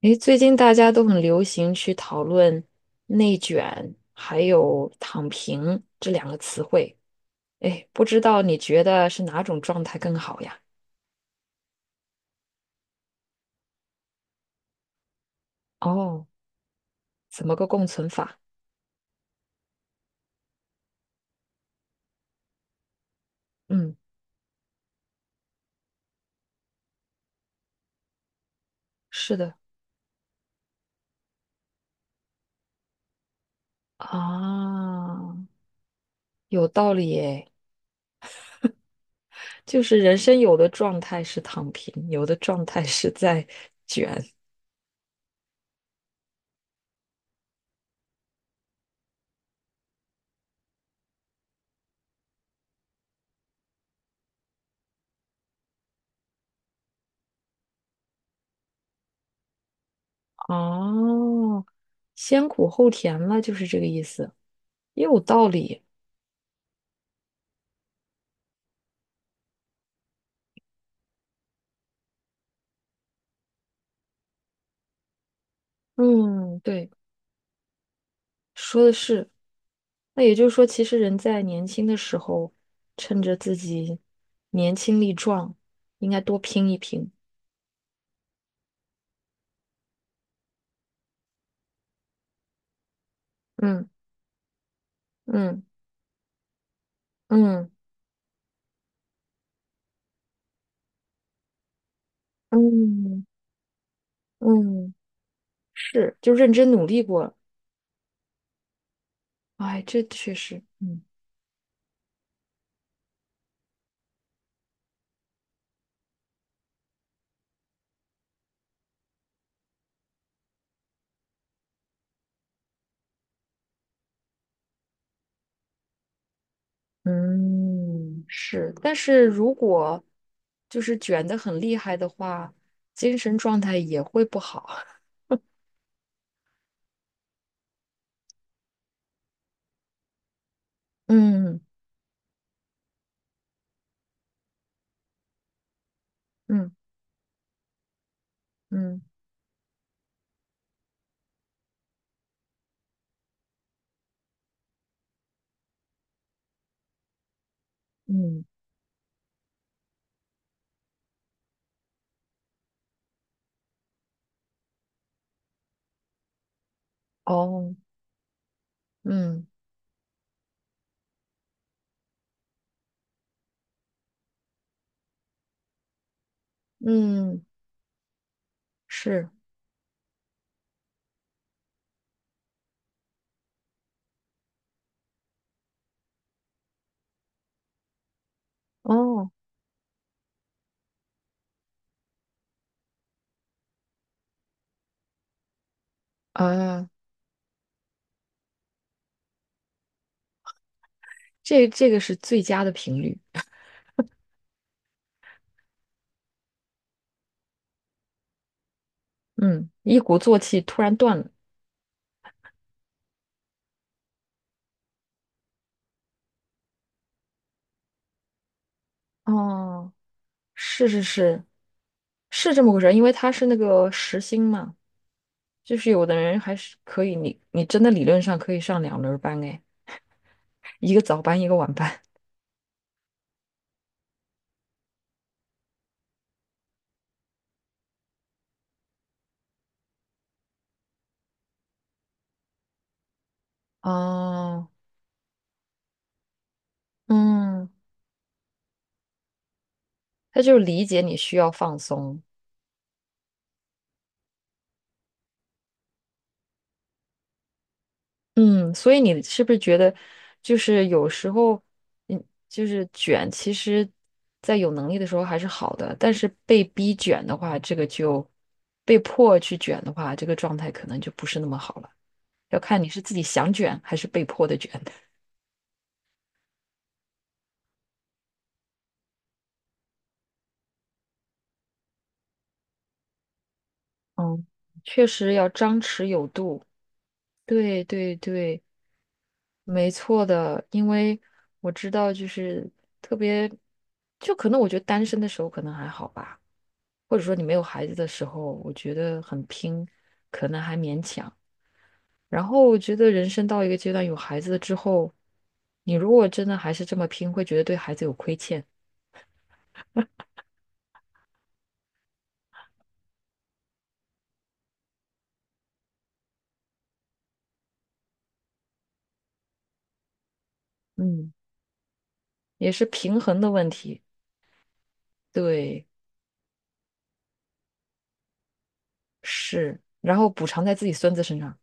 诶，最近大家都很流行去讨论"内卷"还有"躺平"这两个词汇。诶，不知道你觉得是哪种状态更好呀？哦，怎么个共存法？嗯，是的啊，有道理耶。就是人生有的状态是躺平，有的状态是在卷。哦，先苦后甜了，就是这个意思，也有道理。嗯，对。说的是。那也就是说，其实人在年轻的时候，趁着自己年轻力壮，应该多拼一拼。嗯嗯嗯嗯嗯，是，就认真努力过了。哎，这确实，嗯是。但是如果就是卷的很厉害的话，精神状态也会不好。嗯嗯嗯嗯，哦，嗯嗯是，哦。啊，这个是最佳的频率。嗯，一鼓作气突然断了。哦，是是是，是这么回事儿。因为他是那个时薪嘛，就是有的人还是可以，你真的理论上可以上两轮儿班哎，一个早班一个晚班。哦，嗯，他就是理解你需要放松，嗯，所以你是不是觉得，就是有时候，嗯，就是卷，其实，在有能力的时候还是好的，但是被逼卷的话，这个就被迫去卷的话，这个状态可能就不是那么好了。要看你是自己想卷还是被迫的卷。嗯，确实要张弛有度。对对对，没错的，因为我知道，就是特别，就可能我觉得单身的时候可能还好吧。或者说你没有孩子的时候，我觉得很拼，可能还勉强。然后我觉得人生到一个阶段，有孩子了之后，你如果真的还是这么拼，会觉得对孩子有亏欠。嗯，也是平衡的问题。对，是。然后补偿在自己孙子身上。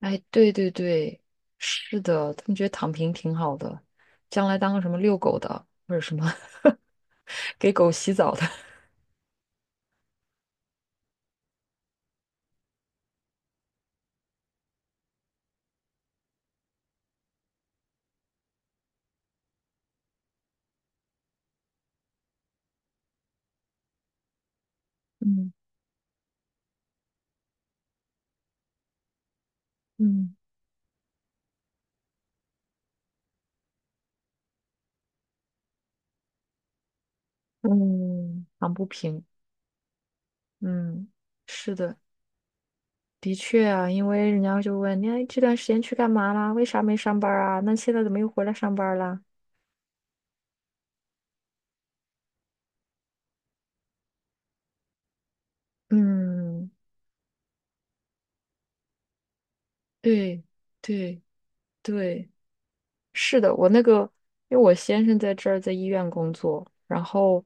哎，对对对，是的，他们觉得躺平挺好的，将来当个什么遛狗的，或者什么 给狗洗澡的。嗯嗯嗯，躺不平。嗯，是的，的确啊，因为人家就问你哎这段时间去干嘛啦？为啥没上班儿啊？那现在怎么又回来上班儿啦？嗯，对，对，对，是的，我那个，因为我先生在这儿在医院工作，然后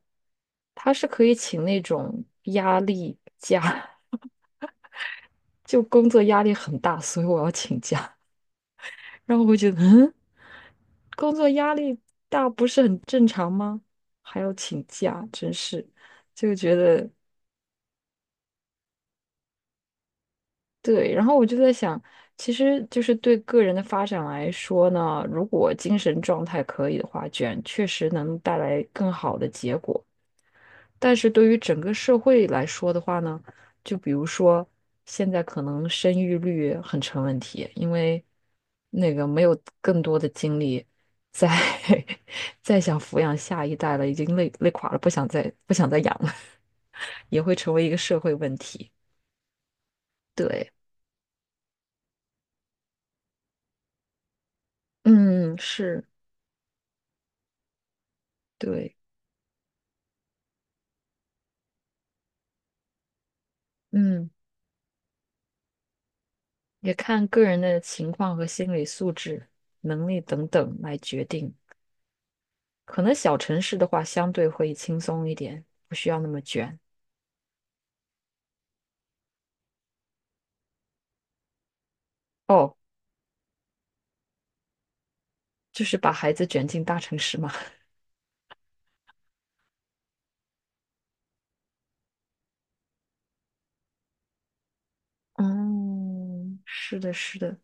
他是可以请那种压力假，就工作压力很大，所以我要请假。然后我会觉得，嗯，工作压力大不是很正常吗？还要请假，真是，就觉得对。然后我就在想，其实就是对个人的发展来说呢，如果精神状态可以的话，卷确实能带来更好的结果。但是对于整个社会来说的话呢，就比如说现在可能生育率很成问题，因为那个没有更多的精力再 再想抚养下一代了，已经累累垮了，不想再养了，也会成为一个社会问题。对，嗯，是，对，嗯，也看个人的情况和心理素质、能力等等来决定。可能小城市的话，相对会轻松一点，不需要那么卷。哦，就是把孩子卷进大城市嘛。嗯，是的，是的，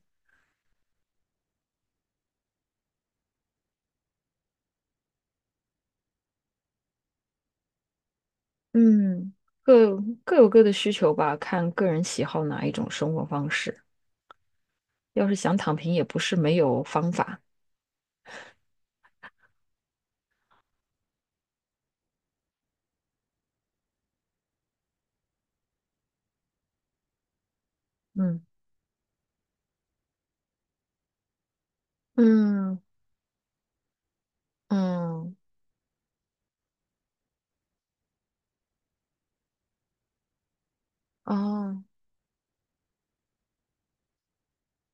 嗯，各各有各的需求吧，看个人喜好哪一种生活方式。要是想躺平，也不是没有方法。嗯嗯嗯，哦，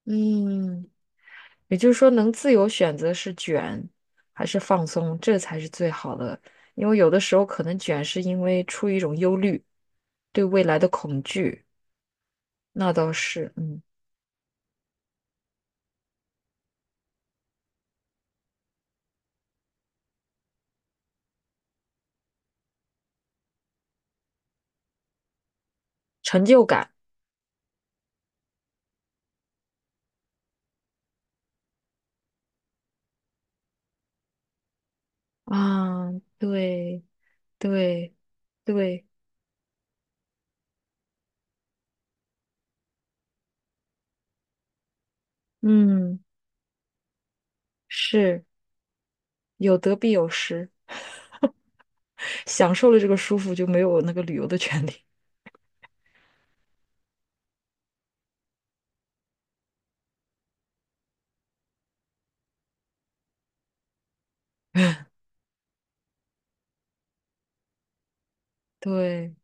嗯，也就是说，能自由选择是卷还是放松，这才是最好的。因为有的时候可能卷是因为出于一种忧虑，对未来的恐惧，那倒是，嗯，成就感。啊，对对对，嗯，是有得必有失，享受了这个舒服就没有那个旅游的权利，对，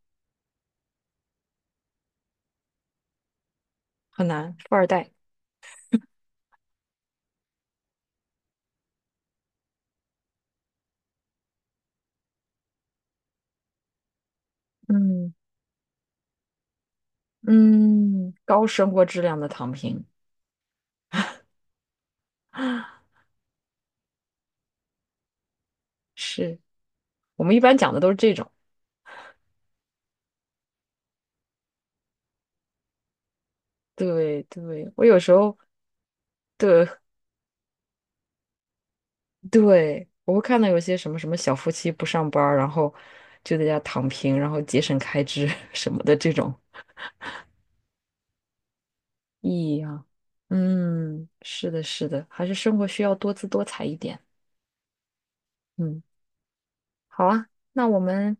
很难，富二代，嗯嗯，高生活质量的躺平，啊，是我们一般讲的都是这种，对对，我有时候对我会看到有些什么什么小夫妻不上班儿然后就在家躺平，然后节省开支 什么的这种，意义啊，嗯，是的，是的，还是生活需要多姿多彩一点。嗯，好啊，那我们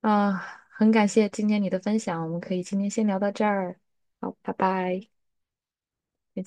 啊，很感谢今天你的分享，我们可以今天先聊到这儿。好，拜拜。再见。